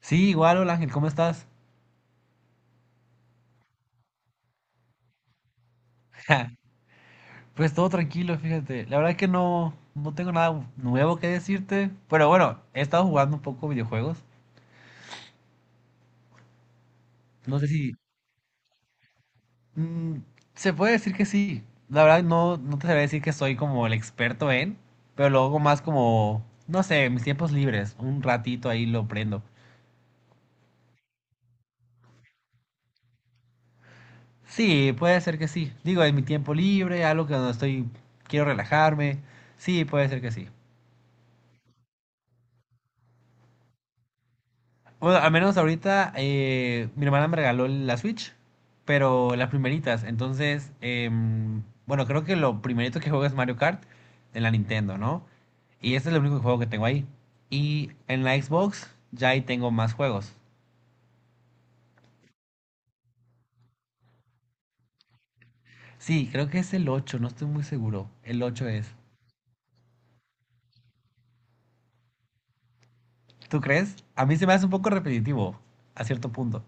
Sí, igual, hola Ángel, ¿cómo estás? Pues todo tranquilo, fíjate. La verdad que no tengo nada nuevo que decirte. Pero bueno, he estado jugando un poco videojuegos. No sé si mm, se puede decir que sí. La verdad no te sabría decir que soy como el experto en, pero lo hago más como, no sé, en mis tiempos libres. Un ratito ahí lo prendo. Sí, puede ser que sí. Digo, en mi tiempo libre, algo que no estoy, quiero relajarme. Sí, puede ser que sí. Bueno, al menos ahorita mi hermana me regaló la Switch, pero las primeritas. Entonces, bueno, creo que lo primerito que juego es Mario Kart en la Nintendo, ¿no? Y este es el único juego que tengo ahí. Y en la Xbox ya ahí tengo más juegos. Sí, creo que es el 8. No estoy muy seguro. El ocho es. ¿Tú crees? A mí se me hace un poco repetitivo, a cierto punto.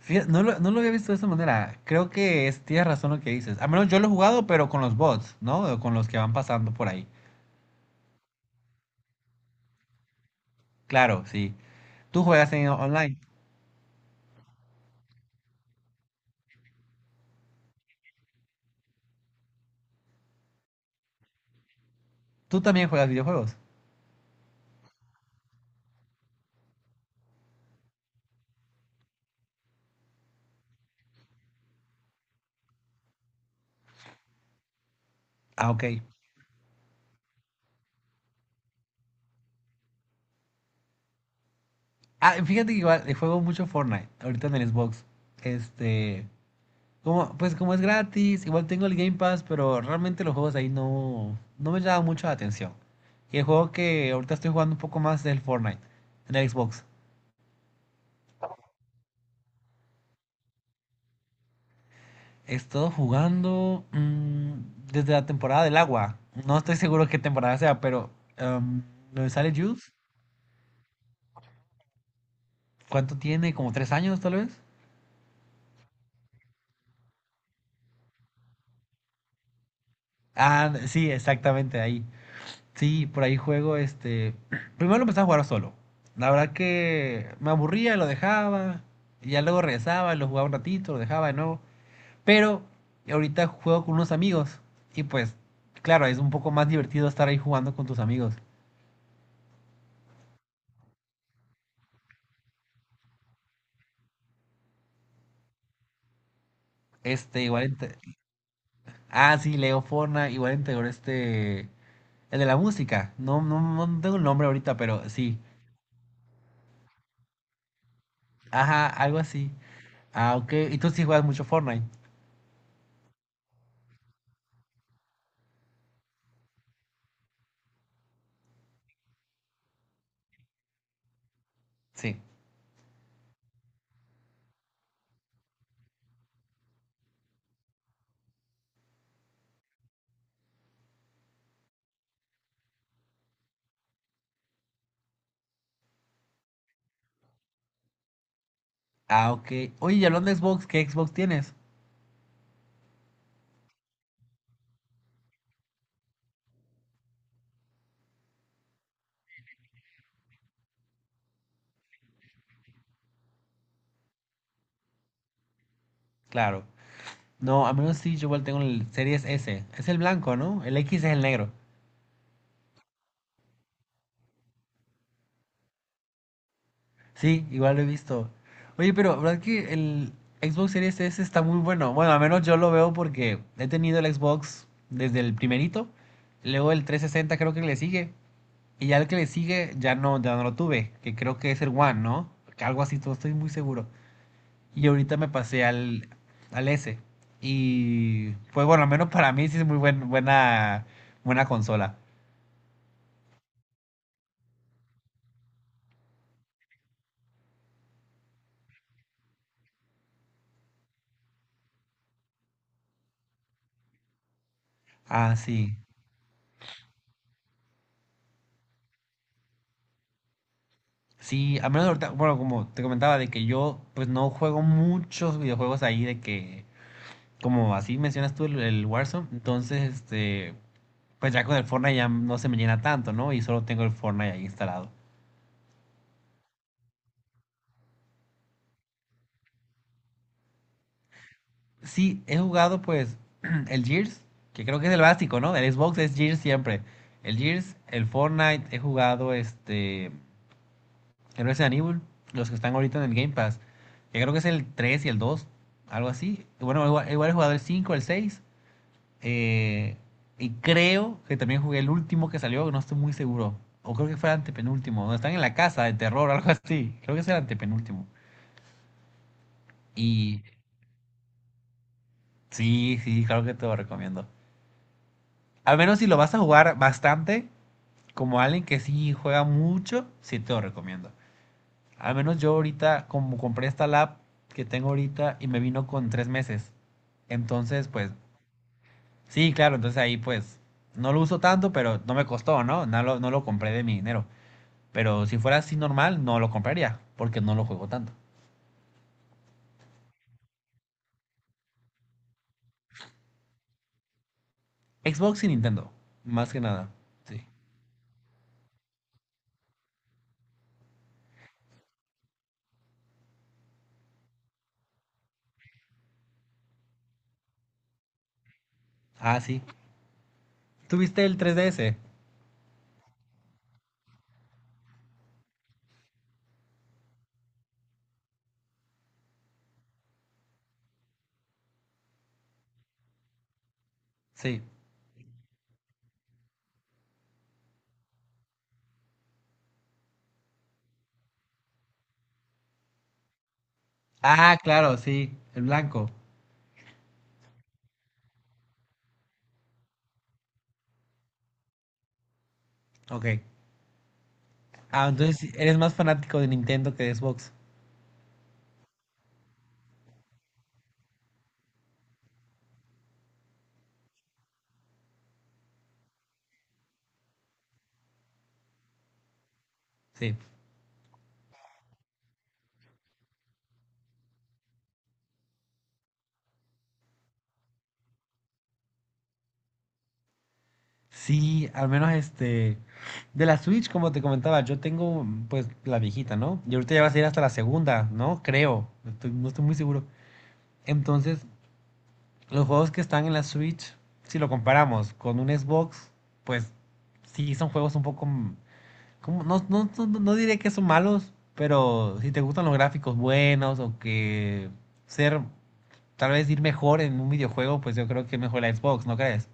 No lo había visto de esa manera. Creo que es, tienes razón lo que dices. Al menos yo lo he jugado, pero con los bots, ¿no? O con los que van pasando por ahí. Claro, sí. Tú juegas en online. Tú también juegas videojuegos. Ah, ok. Ah, fíjate que igual juego mucho Fortnite ahorita en el Xbox. Este, como, pues como es gratis, igual tengo el Game Pass, pero realmente los juegos ahí no me llaman mucho la atención. Y el juego que ahorita estoy jugando un poco más es el Fortnite en el Xbox. He estado jugando desde la temporada del agua. No estoy seguro qué temporada sea, pero em, lo de sale Juice, ¿cuánto tiene? ¿Como 3 años tal vez? Ah, sí, exactamente ahí. Sí, por ahí juego este. Primero lo empecé a jugar solo. La verdad que me aburría, lo dejaba. Y ya luego regresaba, lo jugaba un ratito, lo dejaba de nuevo. Pero ahorita juego con unos amigos. Y pues, claro, es un poco más divertido estar ahí jugando con tus amigos. Este, igual. Ah, sí, Leo Forna, igual integró este. El de la música. No, no tengo el nombre ahorita, pero sí. Ajá, algo así. Ah, ok. Y tú sí juegas mucho Fortnite. Sí. Ah, ok. Oye, y hablando de Xbox, ¿qué Xbox tienes? Claro. No, a menos sí, yo igual tengo el Series S. Es el blanco, ¿no? El X es el negro. Sí, igual lo he visto. Oye, pero ¿verdad que el Xbox Series S está muy bueno? Bueno, al menos yo lo veo porque he tenido el Xbox desde el primerito, luego el 360 creo que le sigue, y ya el que le sigue ya no, ya no lo tuve, que creo que es el One, ¿no? Que algo así, no estoy muy seguro. Y ahorita me pasé al, al S. Y pues bueno, al menos para mí sí es buena, buena consola. Ah, sí. Sí, al menos ahorita, bueno, como te comentaba, de que yo pues no juego muchos videojuegos ahí, de que, como así mencionas tú el Warzone, entonces, este, pues ya con el Fortnite ya no se me llena tanto, ¿no? Y solo tengo el Fortnite ahí instalado. Sí, he jugado pues el Gears, que creo que es el básico, ¿no? El Xbox es Gears siempre. El Gears, el Fortnite, he jugado este el Resident Evil, los que están ahorita en el Game Pass, que creo que es el 3 y el 2, algo así. Y bueno, igual, igual he jugado el 5, el 6, eh, y creo que también jugué el último que salió, no estoy muy seguro. O creo que fue el antepenúltimo, donde están en la casa de terror, algo así. Creo que es el antepenúltimo. Y sí, sí, claro que te lo recomiendo. Al menos si lo vas a jugar bastante, como alguien que sí juega mucho, sí te lo recomiendo. Al menos yo ahorita, como compré esta lap que tengo ahorita y me vino con 3 meses. Entonces, pues, sí, claro, entonces ahí pues no lo uso tanto, pero no me costó, ¿no? No lo compré de mi dinero. Pero si fuera así normal, no lo compraría, porque no lo juego tanto. Xbox y Nintendo, más que nada. Sí. Ah, sí. ¿Tuviste el 3DS? Sí. Ah, claro, sí, el blanco. Ok. Ah, entonces sí, eres más fanático de Nintendo que de Xbox. Sí. Sí, al menos este. De la Switch, como te comentaba, yo tengo pues la viejita, ¿no? Y ahorita ya vas a ir hasta la segunda, ¿no? Creo. Estoy- no estoy muy seguro. Entonces, los juegos que están en la Switch, si lo comparamos con un Xbox, pues sí son juegos un poco. Como- no diré que son malos, pero si te gustan los gráficos buenos o que ser tal vez ir mejor en un videojuego, pues yo creo que mejor la Xbox, ¿no crees?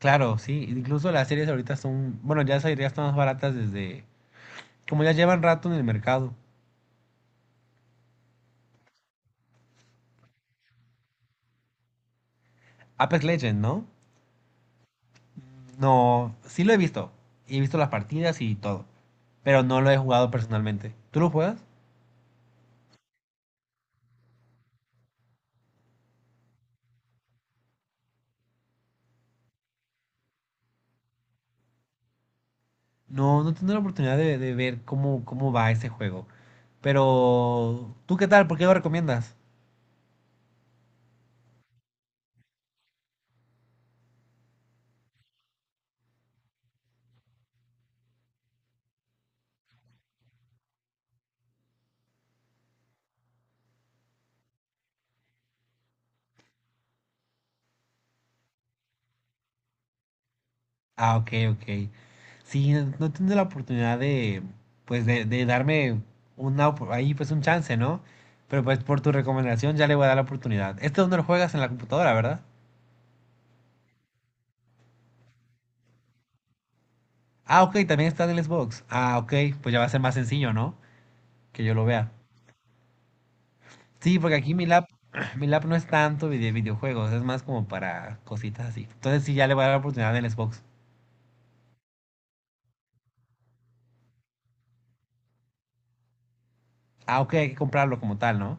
Claro, sí, incluso las series ahorita son, bueno, ya esas ya están más baratas desde, como ya llevan rato en el mercado. Apex Legends, ¿no? No, sí lo he visto, y he visto las partidas y todo, pero no lo he jugado personalmente. ¿Tú lo juegas? No, no he tenido la oportunidad de ver cómo, cómo va ese juego. Pero, ¿tú qué tal? ¿Por qué lo recomiendas? Ah, ok, ok. Sí, no, no tendré la oportunidad de, pues, de darme una, ahí, pues, un chance, ¿no? Pero, pues, por tu recomendación ya le voy a dar la oportunidad. Este donde lo juegas en la computadora, ¿verdad? Ah, ok, también está en el Xbox. Ah, ok, pues ya va a ser más sencillo, ¿no? Que yo lo vea. Sí, porque aquí mi lap, mi lap no es tanto de videojuegos, es más como para cositas así. Entonces sí, ya le voy a dar la oportunidad en el Xbox. Ah, ok, hay que comprarlo como tal, ¿no?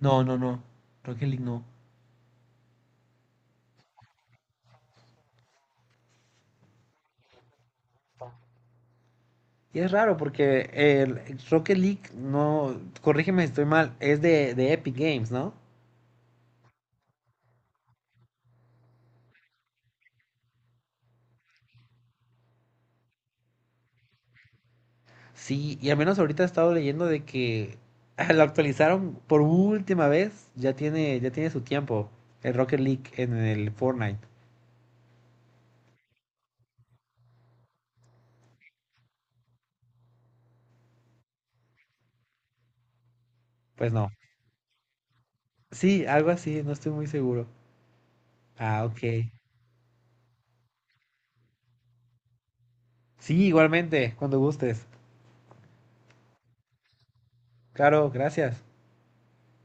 No, no, no. Rocket League no. Y es raro porque el Rocket League, no, corrígeme si estoy mal, es de Epic Games, ¿no? Sí, y al menos ahorita he estado leyendo de que lo actualizaron por última vez, ya tiene su tiempo, el Rocket League en el Fortnite. Pues no. Sí, algo así, no estoy muy seguro. Ah, ok. Sí, igualmente, cuando gustes. Claro, gracias.